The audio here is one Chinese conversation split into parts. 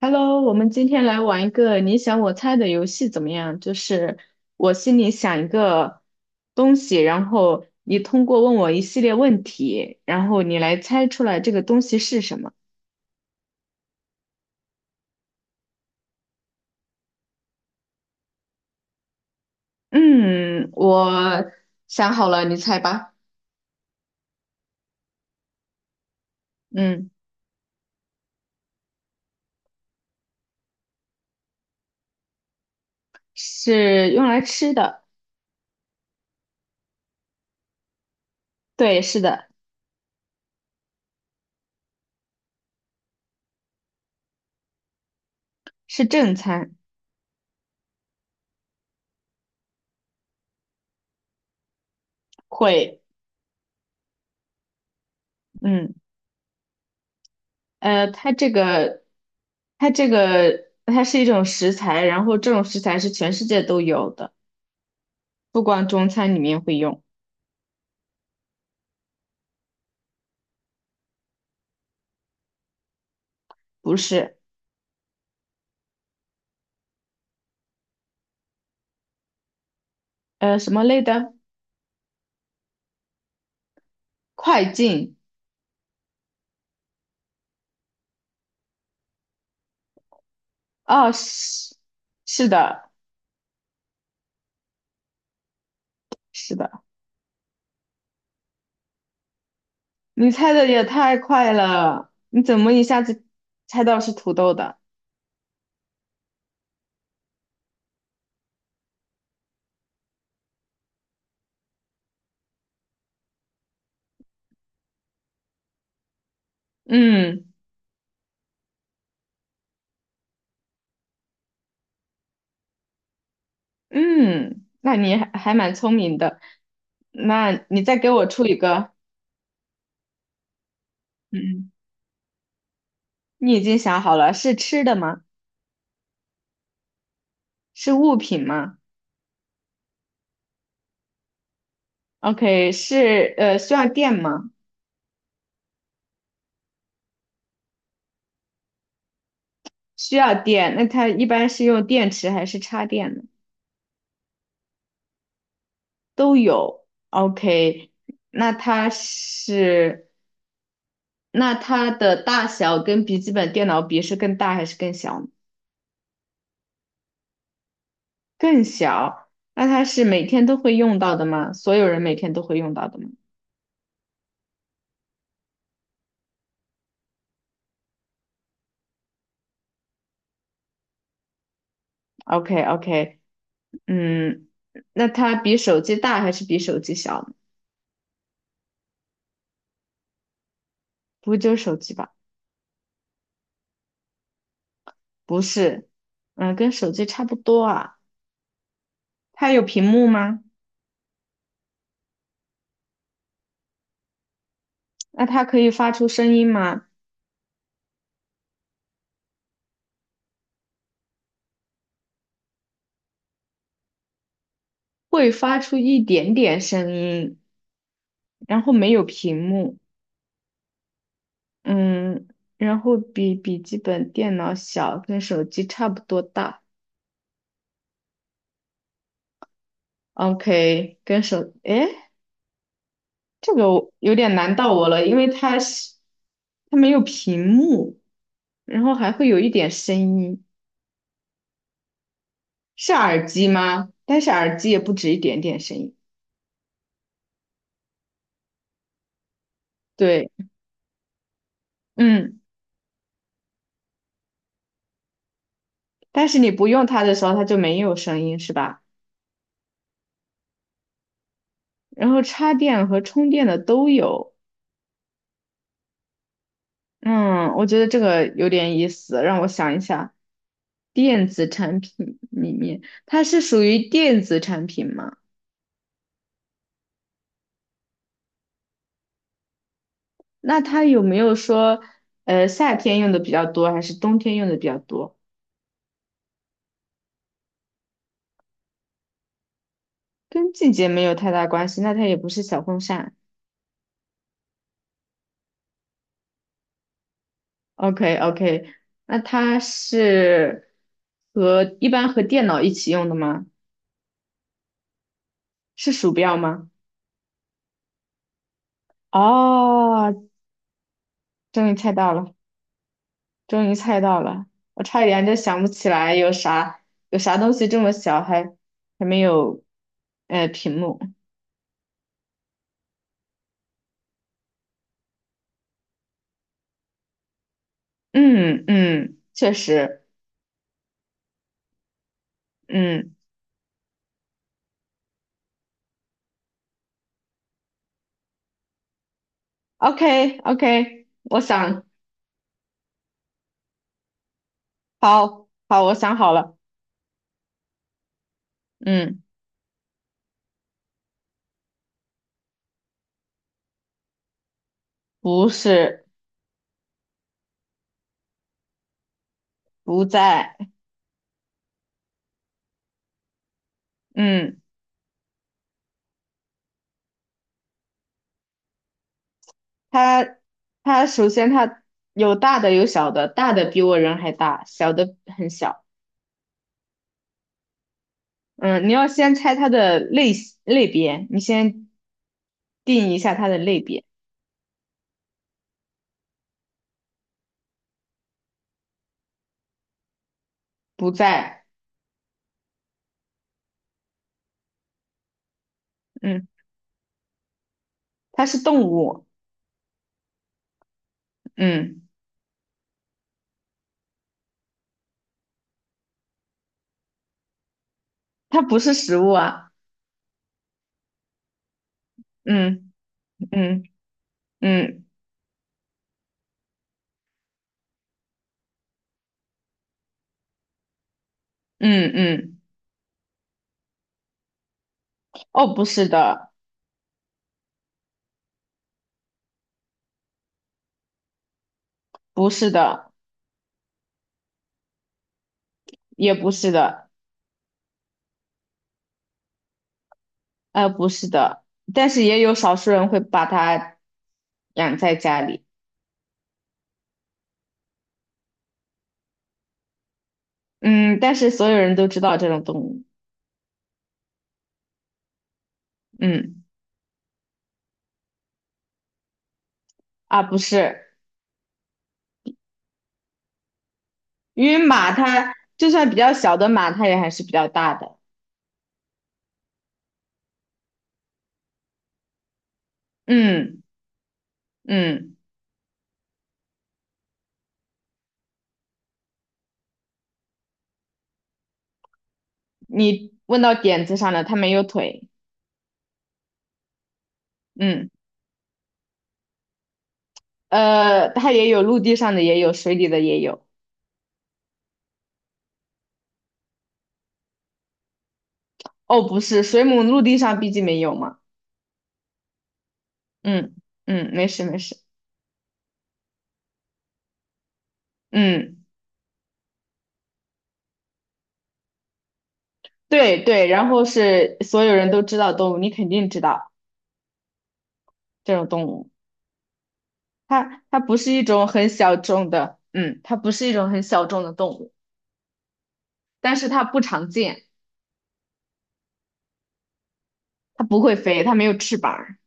Hello，我们今天来玩一个你想我猜的游戏怎么样？就是我心里想一个东西，然后你通过问我一系列问题，然后你来猜出来这个东西是什么。嗯，我想好了，你猜吧。嗯，是用来吃的。对，是的。是正餐。会。嗯，呃，它这个，它这个，它是一种食材，然后这种食材是全世界都有的。不光中餐里面会用。不是。呃，什么类的？快进。哦，是的，是的。你猜的也太快了，你怎么一下子猜到是土豆的？嗯嗯，那你还蛮聪明的，那你再给我出一个。嗯，你已经想好了，是吃的吗？是物品吗？OK，是需要电吗？需要电，那它一般是用电池还是插电呢？都有。OK，那它是，那它的大小跟笔记本电脑比是更大还是更小呢？更小。那它是每天都会用到的吗？所有人每天都会用到的吗？OK OK，嗯，那它比手机大还是比手机小呢？不会就是手机吧？不是，嗯，跟手机差不多啊。它有屏幕吗？那它可以发出声音吗？会发出一点点声音，然后没有屏幕。嗯，然后比笔记本电脑小，跟手机差不多大。OK，跟手，诶，这个我有点难到我了，因为它没有屏幕，然后还会有一点声音。是耳机吗？但是耳机也不止一点点声音。对。嗯，但是你不用它的时候，它就没有声音，是吧？然后插电和充电的都有。嗯，我觉得这个有点意思，让我想一下。电子产品里面，它是属于电子产品吗？那它有没有说，呃，夏天用的比较多，还是冬天用的比较多？跟季节没有太大关系，那它也不是小风扇。OK OK，那它是一般和电脑一起用的吗？是鼠标吗？哦，终于猜到了，终于猜到了，我差一点就想不起来有啥有啥东西这么小还没有屏幕。嗯嗯，确实。嗯，OK OK，我想，好好，我想好了。嗯，不是。不在。嗯，他他首先他有大的有小的，大的比我人还大，小的很小。嗯，你要先猜它的类型类别，你先定一下它的类别。不在。嗯，它是动物。嗯，它不是食物啊。嗯嗯嗯嗯嗯。哦，不是的。不是的。也不是的。呃，不是的，但是也有少数人会把它养在家里。嗯，但是所有人都知道这种动物。嗯，啊，不是。因为马它就算比较小的马，它也还是比较大的。嗯嗯。你问到点子上了，它没有腿。嗯，呃，它也有陆地上的，也有水里的，也有。哦，不是，水母陆地上毕竟没有嘛。嗯嗯，没事没事。嗯。对对，然后是所有人都知道的动物，你肯定知道这种动物。它不是一种很小众的，嗯，它不是一种很小众的动物，但是它不常见。它不会飞，它没有翅膀儿。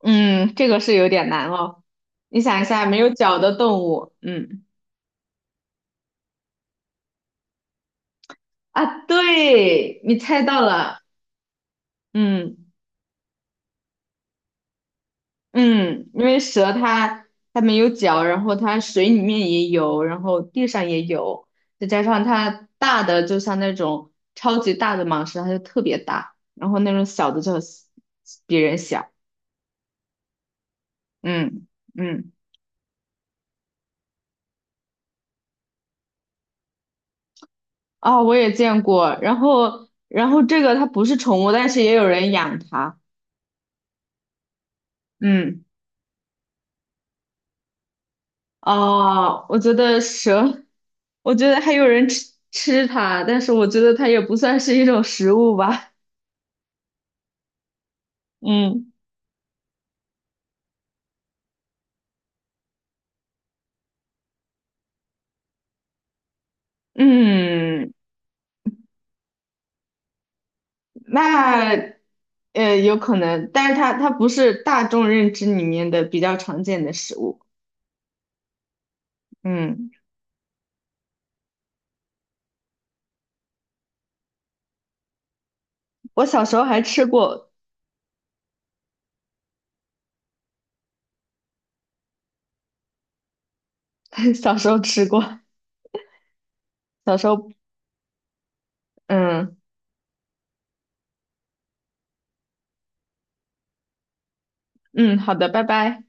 嗯，这个是有点难哦。你想一下，没有脚的动物。嗯啊，对，你猜到了。嗯。嗯。因为蛇它没有脚，然后它水里面也有，然后地上也有，再加上它大的就像那种超级大的蟒蛇，它就特别大，然后那种小的就比人小。嗯嗯。啊、我也见过。然后这个它不是宠物，但是也有人养它。嗯，哦，我觉得蛇，我觉得还有人吃它，但是我觉得它也不算是一种食物吧。嗯。嗯，那呃有可能，但是它不是大众认知里面的比较常见的食物。嗯，我小时候还吃过。小时候吃过。小时候。嗯嗯，好的，拜拜。